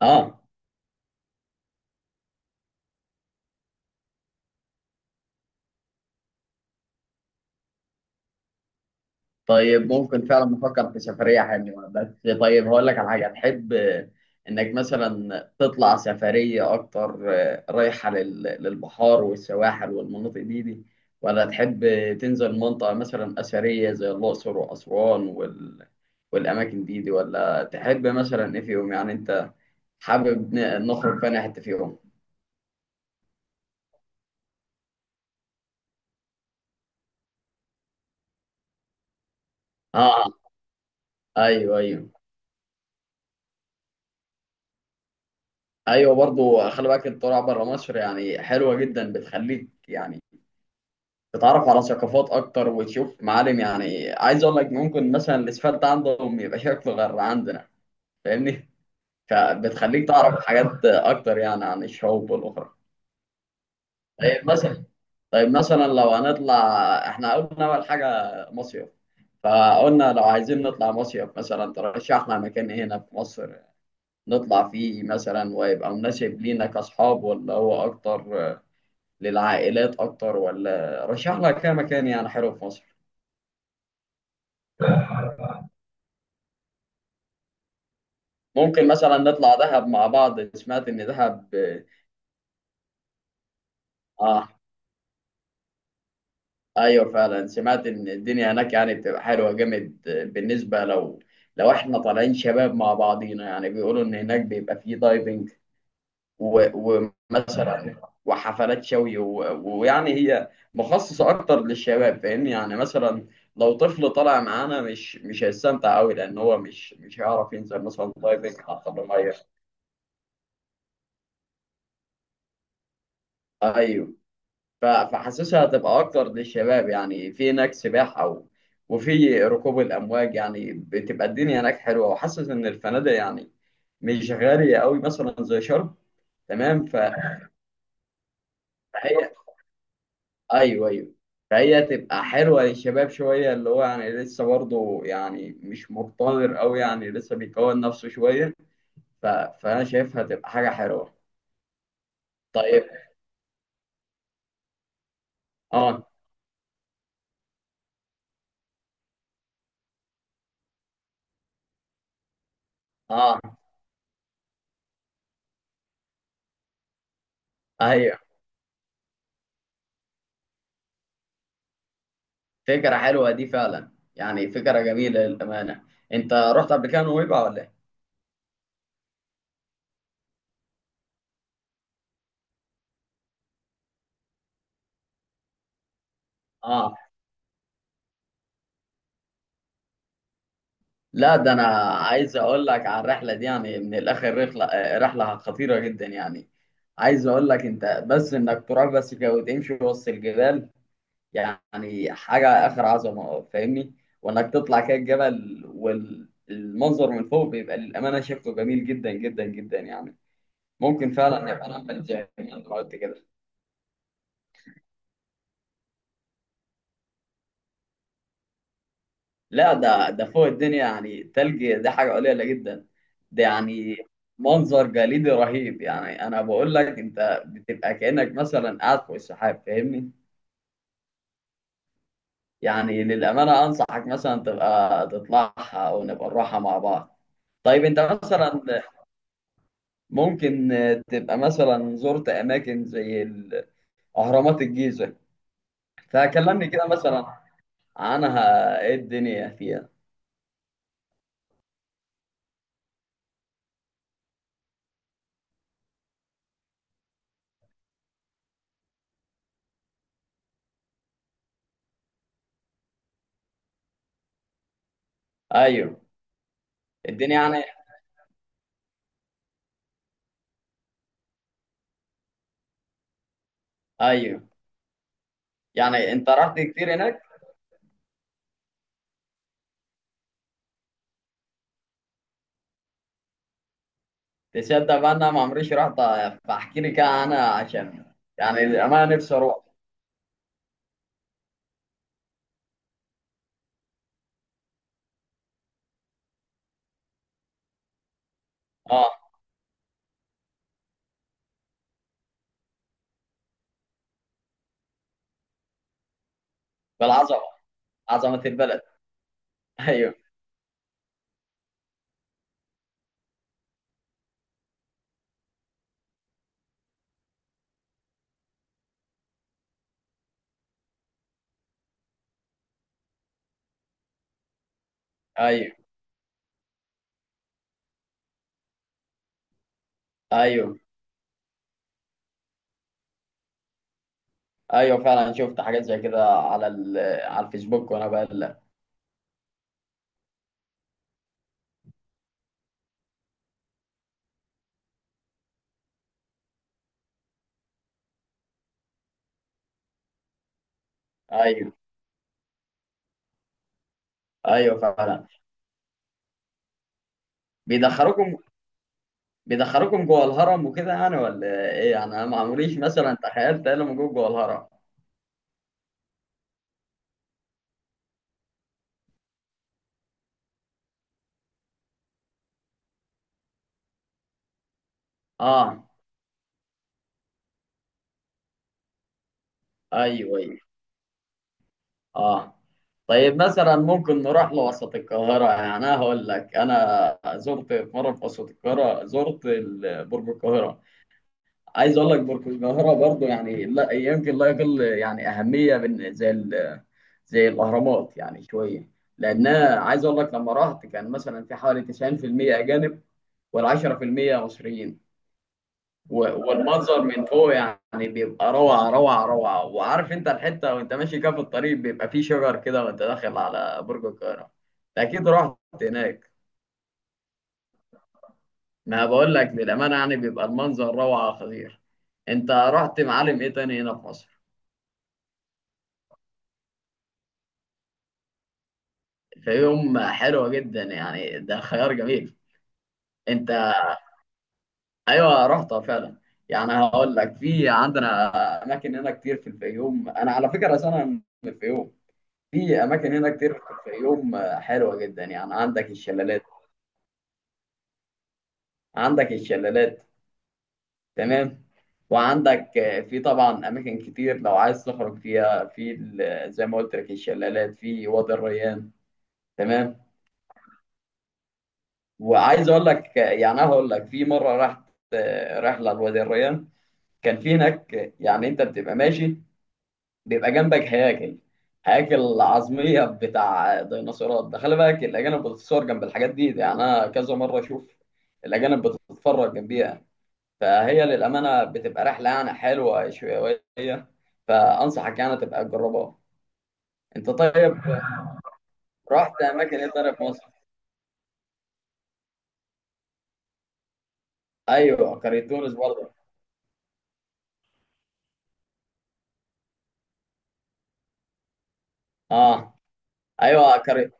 اه. طيب، ممكن فعلا نفكر في سفرية حلوة. بس طيب هقول لك على حاجة تحب، انك مثلا تطلع سفرية اكتر، رايحة للبحار والسواحل والمناطق دي، ولا تحب، تنزل منطقة مثلا أثرية زي الأقصر وأسوان والأماكن دي، ولا تحب مثلا إيه فيهم؟ يعني أنت حابب نخرج في أي حتة فيهم؟ اه. ايوه، ايوه. ايوه برضو خلي بالك، الطلوع بره مصر يعني حلوه جدا، بتخليك يعني تتعرف على ثقافات اكتر وتشوف معالم. يعني عايز اقول لك، ممكن مثلا الاسفلت عندهم يبقى شكله غير عندنا، فاهمني؟ فبتخليك تعرف حاجات اكتر يعني عن الشعوب والاخرى. طيب مثلا طيب مثلا لو هنطلع، احنا قلنا اول حاجه مصيف، فقلنا لو عايزين نطلع مصيف مثلا، ترشحنا مكان إيه هنا في مصر نطلع فيه مثلا ويبقى مناسب لينا كاصحاب، ولا هو اكتر للعائلات اكتر؟ ولا رشحنا كام مكان يعني حلو في مصر؟ ممكن مثلا نطلع دهب مع بعض، سمعت ان دهب. اه. ايوه، فعلا سمعت ان الدنيا هناك يعني بتبقى حلوه جامد، بالنسبه لو احنا طالعين شباب مع بعضينا، يعني بيقولوا ان هناك بيبقى فيه دايفنج و- ومثلا وحفلات شوي ويعني هي مخصصه اكتر للشباب، فاهمني؟ يعني مثلا لو طفل طالع معانا مش هيستمتع قوي، لان هو مش هيعرف ينزل مثلا دايفنج تحت الميه. ايوه فحاسسها هتبقى اكتر للشباب، يعني في هناك سباحة وفي ركوب الامواج، يعني بتبقى الدنيا هناك حلوة، وحاسس ان الفنادق يعني مش غالية قوي مثلا زي شرم. تمام ف- فهي ايوه، ايوه. فهي تبقى حلوة للشباب شوية، اللي هو يعني لسه برضه يعني مش مقتدر قوي، يعني لسه بيكون نفسه شوية، ف... فانا شايفها تبقى حاجة حلوة. طيب. اه. اه. ايوه، فكرة حلوة دي فعلا، يعني فكرة جميلة للأمانة. أنت رحت قبل كده نويبع ولا إيه؟ آه، لا ده أنا عايز أقول لك على الرحلة دي، يعني من الآخر رحلة، رحلة خطيرة جدا يعني. عايز أقول لك أنت بس، إنك تروح بس كده وتمشي وسط الجبال، يعني حاجة آخر عظمة، فاهمني؟ وإنك تطلع كده الجبل، والمنظر من فوق بيبقى للأمانة شكله جميل جدا جدا جدا يعني. ممكن فعلا نبقى نعمل زي ما أنت قلت كده. لا ده فوق الدنيا، يعني تلج ده حاجة قليلة جدا، ده يعني منظر جليدي رهيب. يعني أنا بقول لك أنت بتبقى كأنك مثلا قاعد فوق السحاب، فاهمني؟ يعني للأمانة أنصحك مثلا تبقى تطلعها، أو نبقى نروحها مع بعض. طيب أنت مثلا ممكن تبقى مثلا زرت أماكن زي أهرامات الجيزة؟ فكلمني كده مثلا عنها، إيه الدنيا فيها. أيوه. الدنيا يعني. أيوه. يعني أنت رحت كتير هناك؟ تصدق بقى انا ما عمريش رحت، فاحكي لي كده انا عشان، يعني الامانه نفسي اروح. اه. بالعظمه. عظمه البلد. ايوه. ايوه. ايوه. ايوه فعلا شفت حاجات زي كده على على الفيسبوك وانا بقلب. ايوه، ايوه فعلا. بيدخلوكم، بيدخلوكم جوه الهرم وكده يعني ولا ايه؟ يعني انا ما عمريش مثلا تخيلت الا موجود جوه، جوه الهرم. اه. ايوه، ايوه. اه. طيب مثلا ممكن نروح لوسط القاهرة، يعني أنا هقول لك، أنا زرت في مرة في وسط القاهرة زرت برج القاهرة. عايز أقول لك، برج القاهرة برضو يعني لا يمكن لا يقل يعني أهمية من زي الأهرامات، يعني شوية، لأنها عايز أقول لك لما رحت كان مثلا في حوالي 90% أجانب، وال10% مصريين. والمنظر من فوق يعني بيبقى روعة، روعة، روعة. وعارف انت الحتة وانت ماشي كده في الطريق بيبقى فيه شجر كده وانت داخل على برج القاهرة، انت اكيد رحت هناك. ما بقول لك للأمانة يعني بيبقى المنظر روعة خطير. انت رحت معالم ايه تاني هنا في مصر؟ الفيوم حلوة جدا يعني، ده خيار جميل. انت؟ ايوه رحتها فعلا، يعني هقول لك في عندنا اماكن هنا كتير في الفيوم. انا على فكرة اصلا أنا من الفيوم. في اماكن هنا كتير في الفيوم، حلوه جدا. يعني عندك الشلالات، عندك الشلالات. تمام. وعندك، في طبعا اماكن كتير لو عايز تخرج فيها في زي ما قلت لك الشلالات في وادي الريان. تمام. وعايز اقول لك، يعني أنا هقول لك في مره رحت، رحله لوادي الريان، كان في هناك، يعني انت بتبقى ماشي بيبقى جنبك هياكل عظمية بتاع ديناصورات. ده خلي بالك الأجانب بتتصور جنب الحاجات دي، يعني أنا كذا مرة أشوف الأجانب بتتفرج جنبيها. فهي للأمانة بتبقى رحلة يعني حلوة شوية، فأنصحك يعني تبقى تجربها. أنت طيب، رحت أماكن إيه تاني في مصر؟ أيوه قرية تونس برضه. أه. أيوه قرية.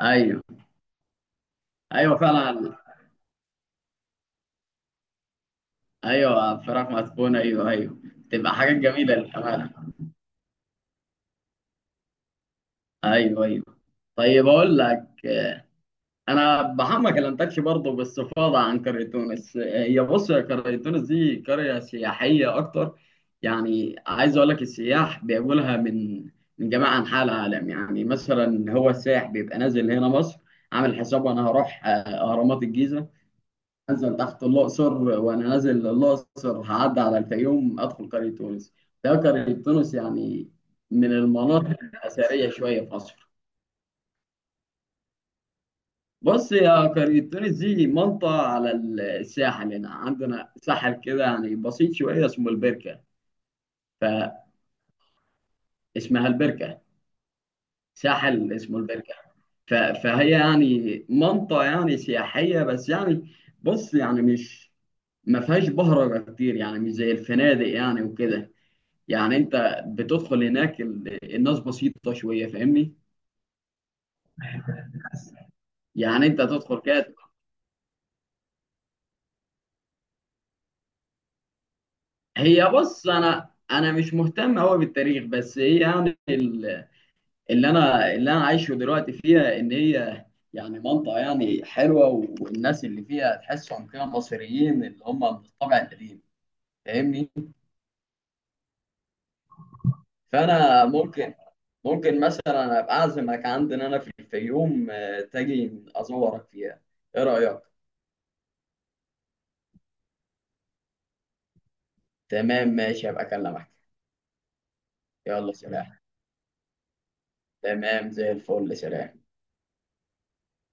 أيوه، أيوه فعلا. أيوه، فراخ مسكونة، أيوه، أيوه. تبقى حاجات جميلة للأمانة. أيوه، أيوه. طيب أقول لك، انا بحب ما كلمتكش برضه باستفاضه عن قريه تونس. هي بص، يا قريه تونس دي قريه سياحيه اكتر، يعني عايز اقول لك السياح بيجوا لها من جميع انحاء العالم. يعني مثلا هو السائح بيبقى نازل هنا مصر عامل حسابه انا هروح، اهرامات الجيزه، انزل تحت الاقصر، وانا نازل الاقصر هعدي على الفيوم ادخل قريه تونس. ده قريه تونس يعني من المناطق الاثريه شويه في مصر. بص يا قرية تونس دي منطقة على الساحل، هنا عندنا ساحل كده يعني بسيط شوية اسمه البركة. فاسمها البركة، ساحل اسمه البركة. فهي يعني منطقة يعني سياحية بس، يعني بص يعني مش، ما فيهاش بهرجة كتير، يعني مش زي الفنادق يعني وكده. يعني انت بتدخل هناك الناس بسيطة شوية، فاهمني؟ يعني انت تدخل كده. هي بص، انا مش مهتم قوي بالتاريخ، بس هي يعني اللي انا عايشه دلوقتي فيها ان هي يعني منطقه يعني حلوه، والناس اللي فيها تحسهم كده مصريين اللي هم من الطبع القديم، فاهمني؟ فانا ممكن مثلا ابقى اعزمك عندنا انا في الفيوم، تجي ازورك فيها، ايه رايك؟ تمام ماشي، ابقى اكلمك. يلا سلام. تمام زي الفل، سلام.